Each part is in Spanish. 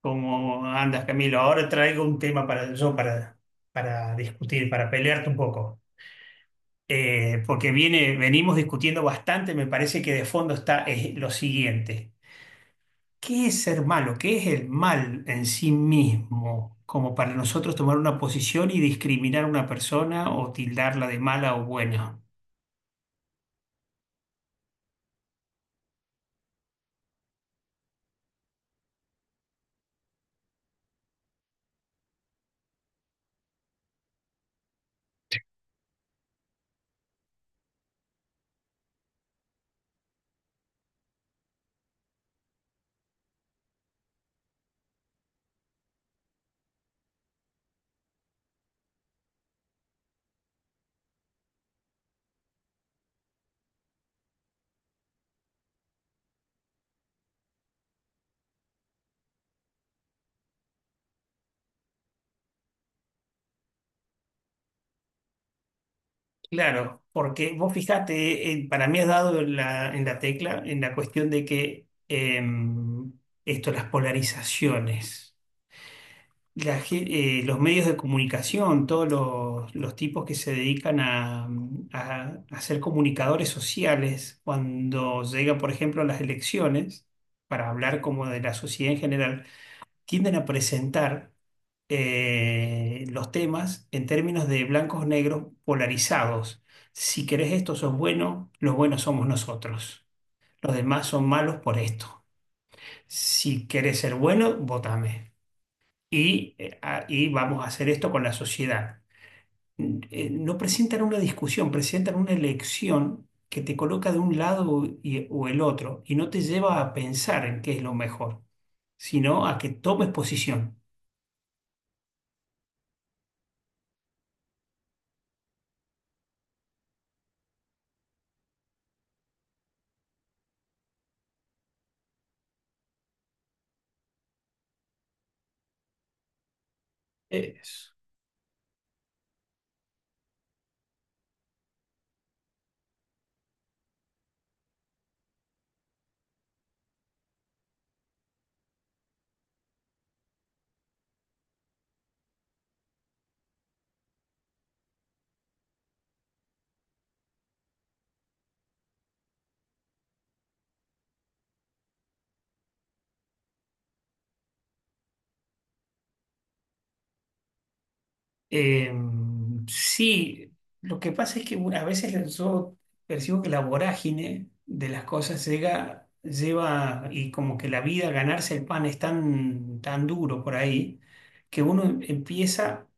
¿Cómo andas, Camilo? Ahora traigo un tema para discutir, para pelearte un poco. Porque venimos discutiendo bastante. Me parece que de fondo está lo siguiente. ¿Qué es ser malo? ¿Qué es el mal en sí mismo? Como para nosotros tomar una posición y discriminar a una persona o tildarla de mala o buena. Claro, porque vos fijate, para mí has dado en la tecla, en la cuestión de que esto, las polarizaciones. La gen- los medios de comunicación, todos los tipos que se dedican a ser comunicadores sociales, cuando llegan, por ejemplo, a las elecciones, para hablar como de la sociedad en general, tienden a presentar los temas en términos de blancos negros polarizados. Si querés esto, sos bueno, los buenos somos nosotros. Los demás son malos por esto. Si querés ser bueno, votame y, y vamos a hacer esto con la sociedad. No presentan una discusión, presentan una elección que te coloca de un lado o el otro y no te lleva a pensar en qué es lo mejor, sino a que tomes posición. Eso. Eh, sí, lo que pasa es que bueno, a veces yo percibo que la vorágine de las cosas llega, lleva, y como que la vida, ganarse el pan es tan duro por ahí, que uno empieza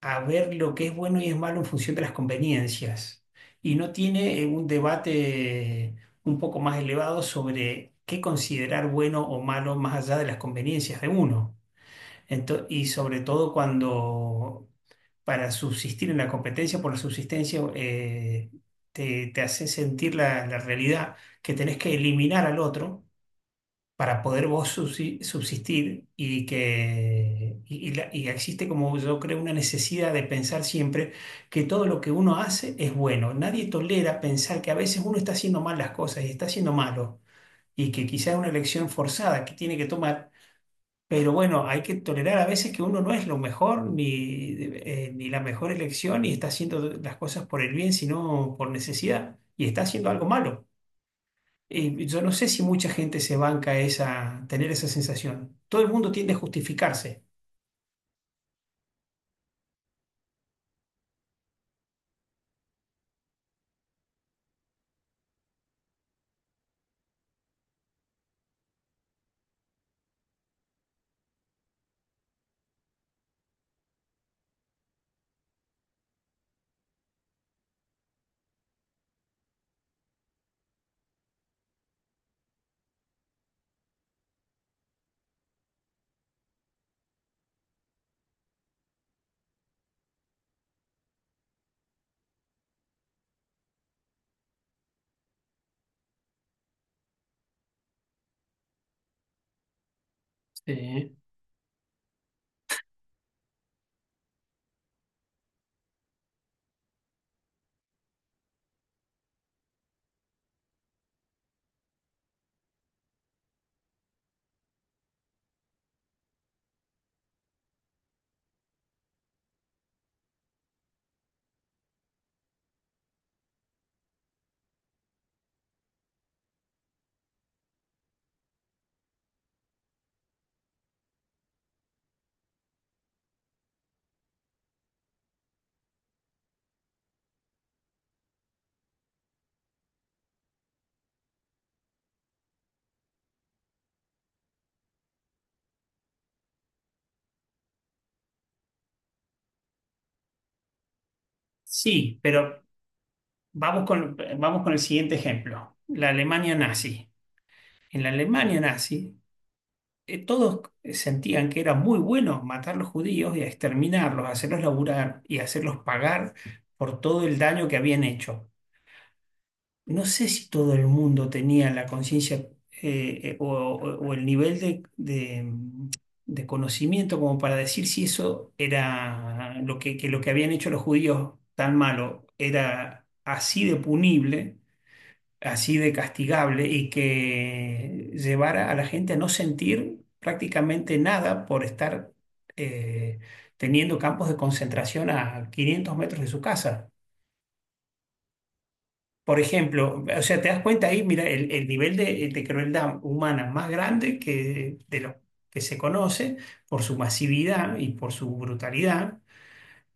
a ver lo que es bueno y es malo en función de las conveniencias. Y no tiene un debate un poco más elevado sobre qué considerar bueno o malo más allá de las conveniencias de uno. Y sobre todo cuando para subsistir en la competencia por la subsistencia te hace sentir la realidad que tenés que eliminar al otro para poder vos subsistir. Y que y la- Y existe, como yo creo, una necesidad de pensar siempre que todo lo que uno hace es bueno. Nadie tolera pensar que a veces uno está haciendo mal las cosas y está haciendo malo, y que quizás es una elección forzada que tiene que tomar. Pero bueno, hay que tolerar a veces que uno no es lo mejor ni, ni la mejor elección, y está haciendo las cosas por el bien, sino por necesidad, y está haciendo algo malo. Y yo no sé si mucha gente se banca esa, tener esa sensación. Todo el mundo tiende a justificarse. Sí. Sí, pero vamos con el siguiente ejemplo: la Alemania nazi. En la Alemania nazi, todos sentían que era muy bueno matar a los judíos y a exterminarlos, hacerlos laburar y hacerlos pagar por todo el daño que habían hecho. No sé si todo el mundo tenía la conciencia o el nivel de, de conocimiento como para decir si eso era lo que lo que habían hecho los judíos tan malo era así de punible, así de castigable, y que llevara a la gente a no sentir prácticamente nada por estar eh, teniendo campos de concentración a 500 metros de su casa. Por ejemplo, o sea, te das cuenta ahí, mira, el nivel de crueldad humana más grande que, de lo que se conoce por su masividad y por su brutalidad,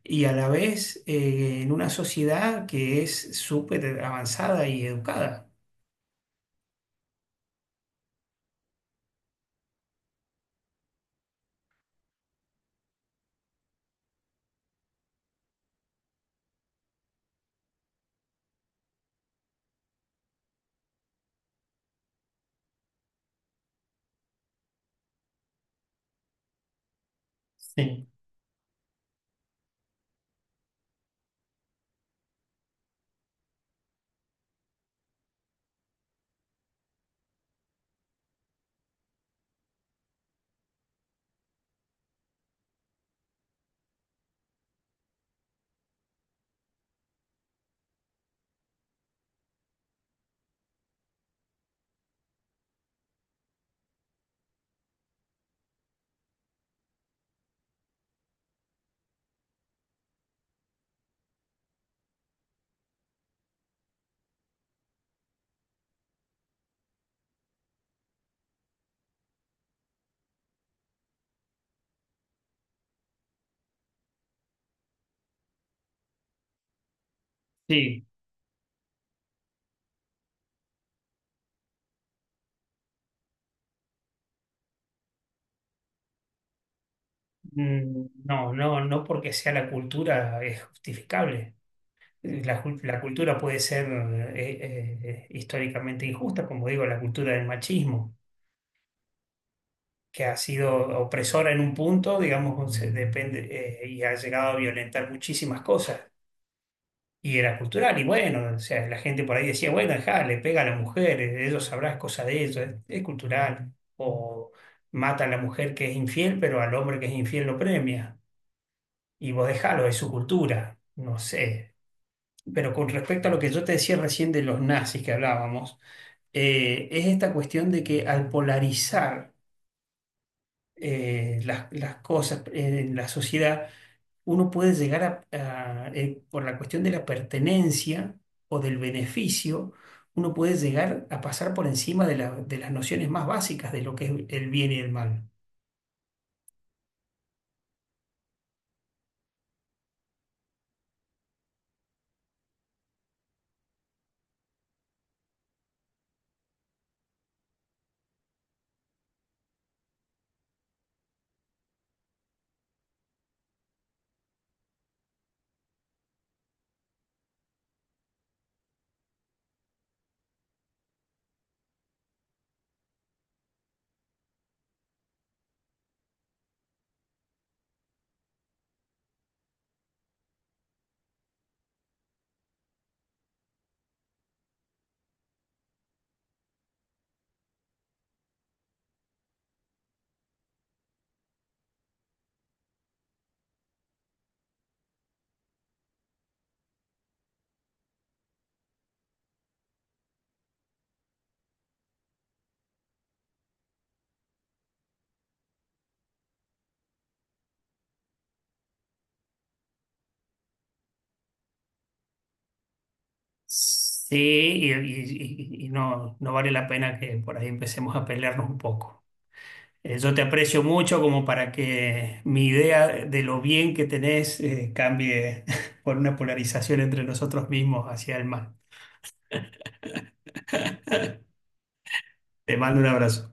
y a la vez en una sociedad que es súper avanzada y educada. Sí. Sí, no, no, no porque sea la cultura es justificable. La cultura puede ser históricamente injusta. Como digo, la cultura del machismo, que ha sido opresora en un punto, digamos, se depende, y ha llegado a violentar muchísimas cosas. Y era cultural, y bueno, o sea, la gente por ahí decía, bueno, dejá, le pega a la mujer, ellos sabrán cosas de ellos, es cultural. O mata a la mujer que es infiel, pero al hombre que es infiel lo premia. Y vos dejalo, es su cultura, no sé. Pero con respecto a lo que yo te decía recién de los nazis que hablábamos, es esta cuestión de que al polarizar, las cosas en la sociedad, uno puede llegar por la cuestión de la pertenencia o del beneficio, uno puede llegar a pasar por encima de, de las nociones más básicas de lo que es el bien y el mal. Sí, y no, no vale la pena que por ahí empecemos a pelearnos un poco. Yo te aprecio mucho como para que mi idea de lo bien que tenés cambie por una polarización entre nosotros mismos hacia el mal. Te mando un abrazo.